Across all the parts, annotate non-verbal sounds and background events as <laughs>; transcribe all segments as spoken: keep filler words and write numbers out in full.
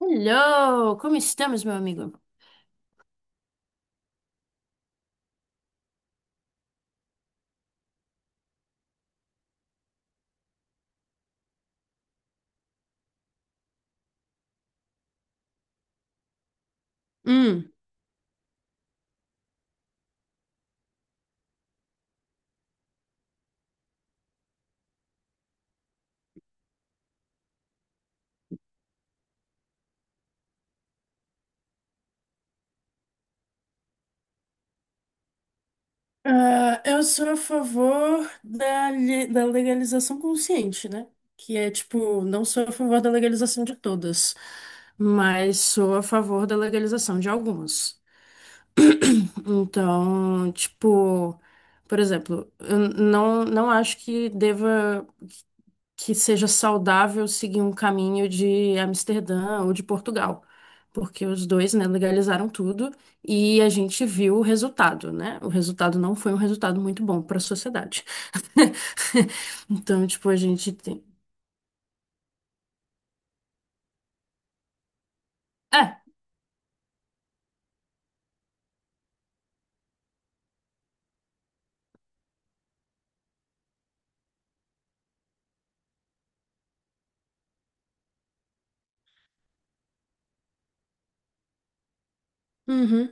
Hello, como estamos, meu amigo? Hum, Ah, eu sou a favor da, le- da legalização consciente, né? Que é tipo, não sou a favor da legalização de todas, mas sou a favor da legalização de algumas. Então, tipo, por exemplo, eu não, não acho que deva. Que seja saudável seguir um caminho de Amsterdã ou de Portugal, porque os dois, né, legalizaram tudo e a gente viu o resultado, né? O resultado não foi um resultado muito bom para a sociedade. <laughs> Então, tipo, a gente tem. É. Uhum.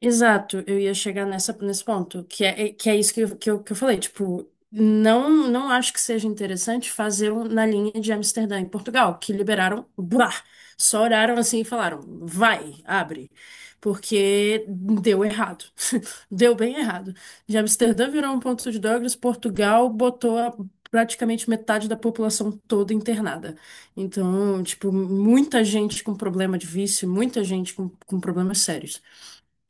Exato, eu ia chegar nessa, nesse ponto, que é, é, que é isso que eu, que eu, que eu falei, tipo, não, não acho que seja interessante fazer um na linha de Amsterdã em Portugal, que liberaram, buá, só olharam assim e falaram, vai, abre, porque deu errado, <laughs> deu bem errado. De Amsterdã virou um ponto de drogas, Portugal botou a- praticamente metade da população toda internada. Então, tipo, muita gente com problema de vício, muita gente com, com problemas sérios.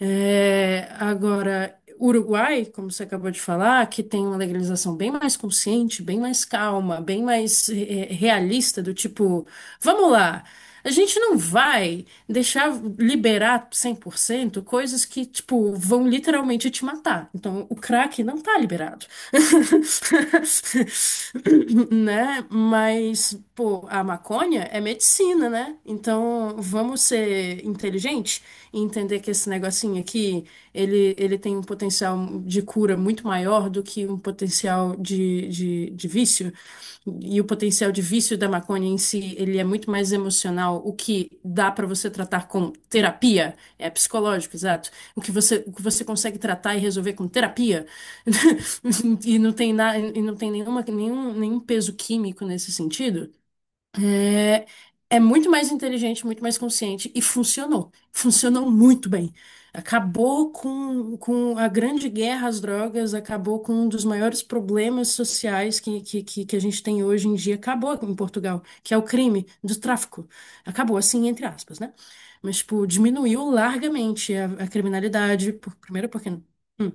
É, agora, Uruguai, como você acabou de falar, que tem uma legalização bem mais consciente, bem mais calma, bem mais eh, realista, do tipo, vamos lá, a gente não vai deixar liberar cem por cento coisas que, tipo, vão literalmente te matar. Então, o crack não tá liberado. <laughs> Né? Mas, pô, a maconha é medicina, né? Então, vamos ser inteligentes? E entender que esse negocinho aqui, ele, ele tem um potencial de cura muito maior do que um potencial de, de, de vício. E o potencial de vício da maconha em si, ele é muito mais emocional, o que dá para você tratar com terapia, é psicológico, exato. O que você, o que você consegue tratar e resolver com terapia, <laughs> e não tem nada, e não tem nenhuma, nenhum, nenhum peso químico nesse sentido. É muito mais inteligente, muito mais consciente e funcionou. Funcionou muito bem. Acabou com, com a grande guerra às drogas, acabou com um dos maiores problemas sociais que, que, que, que a gente tem hoje em dia. Acabou em Portugal, que é o crime do tráfico. Acabou, assim, entre aspas, né? Mas, tipo, diminuiu largamente a, a criminalidade. Por- primeiro, porque. Hum,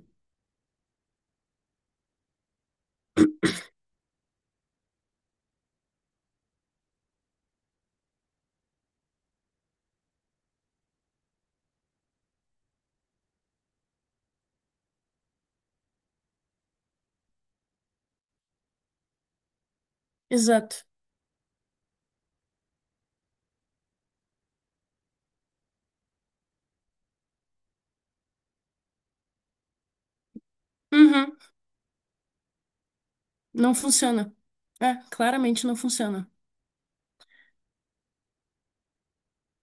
exato. Uhum, não funciona. É, claramente não funciona.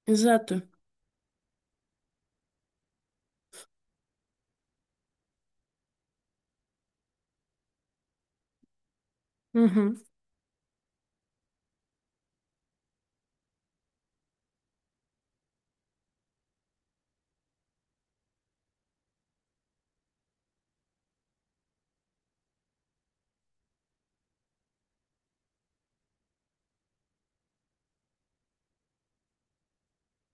Exato. Uhum.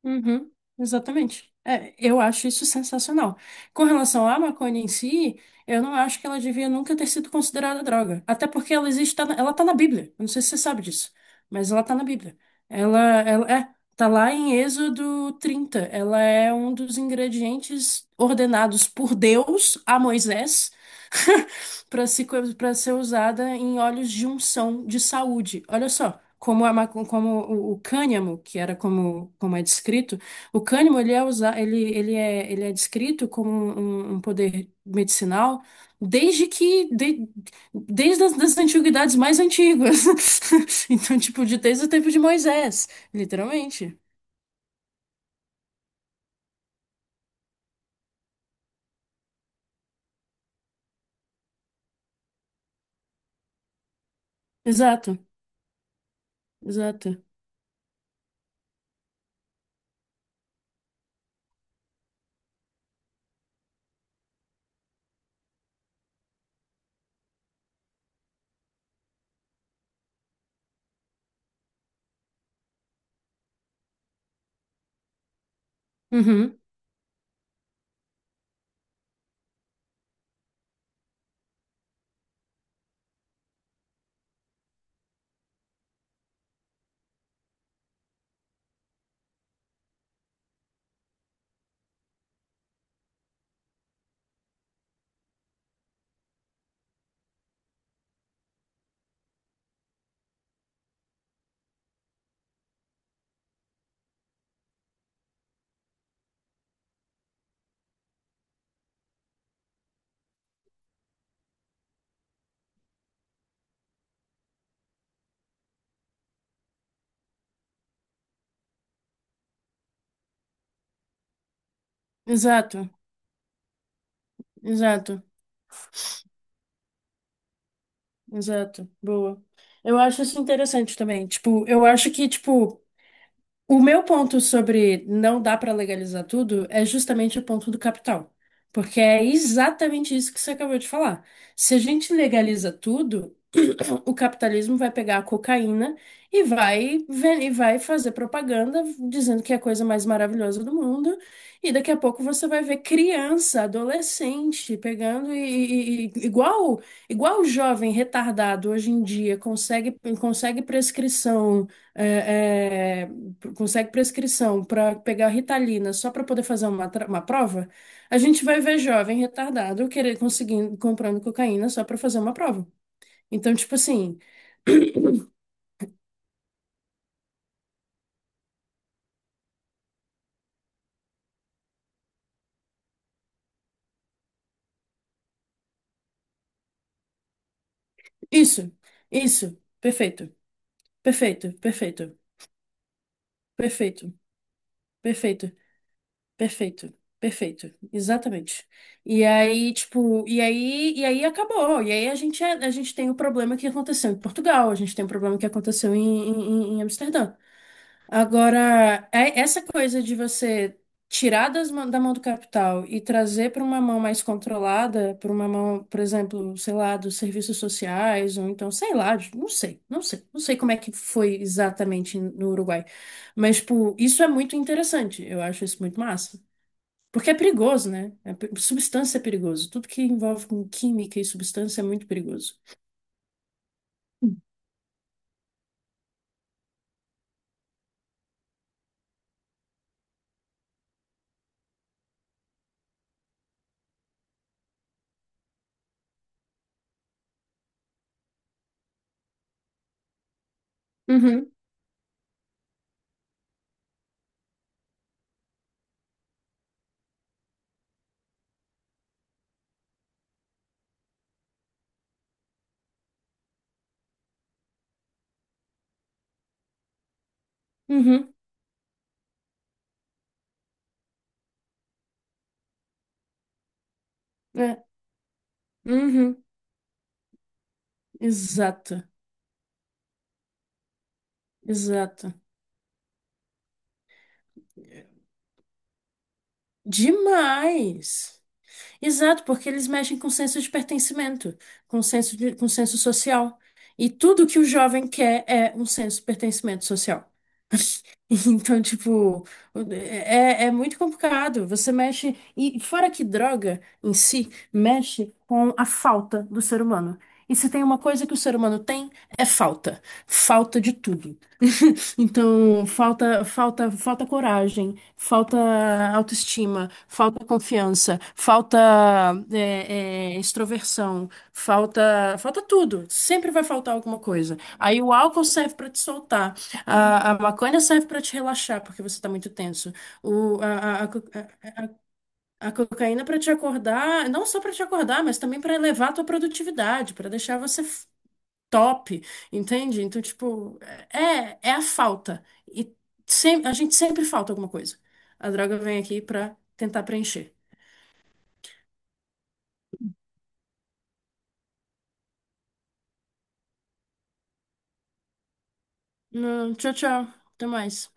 Uhum, exatamente. É, eu acho isso sensacional. Com relação à maconha em si, eu não acho que ela devia nunca ter sido considerada droga. Até porque ela existe, tá na- ela tá na Bíblia. Eu não sei se você sabe disso, mas ela tá na Bíblia. Ela, ela é, tá lá em Êxodo trinta. Ela é um dos ingredientes ordenados por Deus a Moisés para se, para ser usada em óleos de unção de saúde. Olha só, como, a, maco- como o, o cânhamo, que era como, como é descrito, o cânhamo ele é, usa, ele, ele é, ele é descrito como um, um um poder medicinal desde que de- desde as das antiguidades mais antigas. <laughs> Então, tipo, de, desde o tempo de Moisés, literalmente. Exato, exato. Uhum, exato, exato. Exato, boa. Eu acho isso interessante também. Tipo, eu acho que, tipo, o meu ponto sobre não dá pra legalizar tudo é justamente o ponto do capital. Porque é exatamente isso que você acabou de falar. Se a gente legaliza tudo, o capitalismo vai pegar a cocaína e vai, ven- e vai fazer propaganda dizendo que é a coisa mais maravilhosa do mundo. E daqui a pouco você vai ver criança, adolescente pegando e, e- e- igual igual o jovem retardado hoje em dia consegue consegue prescrição é, é, consegue prescrição para pegar Ritalina só para poder fazer uma, tra- uma prova. A gente vai ver jovem retardado querer conseguindo comprando cocaína só para fazer uma prova. Então, tipo assim, Isso, isso, perfeito, perfeito, perfeito, perfeito, perfeito, perfeito, perfeito, exatamente. E aí, tipo, e aí, e aí acabou. E aí a gente, é, a gente tem o problema que aconteceu em Portugal, a gente tem o problema que aconteceu em, em, em Amsterdã. Agora, é- essa coisa de você tirar das mã- da mão do capital e trazer para uma mão mais controlada, para uma mão, por exemplo, sei lá, dos serviços sociais, ou então, sei lá, de- não sei, não sei, não sei como é que foi exatamente no Uruguai. Mas, tipo, isso é muito interessante, eu acho isso muito massa. Porque é perigoso, né? É pe- substância é perigoso. Tudo que envolve com química e substância é muito perigoso. Uhum, uhum, é, uhum, exato, exato. Demais! Exato, porque eles mexem com o senso de pertencimento, com o senso de, com o senso social. E tudo que o jovem quer é um senso de pertencimento social. <laughs> Então, tipo, é, é é muito complicado. Você mexe. E fora que droga em si mexe com a falta do ser humano. E se tem uma coisa que o ser humano tem, é falta. Falta de tudo. Então, falta, falta, falta coragem, falta autoestima, falta confiança, falta é, é, extroversão, falta, falta tudo. Sempre vai faltar alguma coisa. Aí o álcool serve para te soltar, a, a maconha serve para te relaxar porque você está muito tenso. O, a, a, a co- A cocaína para te acordar, não só para te acordar, mas também para elevar a tua produtividade, para deixar você top, entende? Então, tipo, é, é a falta. E sem, a gente sempre falta alguma coisa. A droga vem aqui pra tentar preencher. Não, tchau, tchau. Até mais.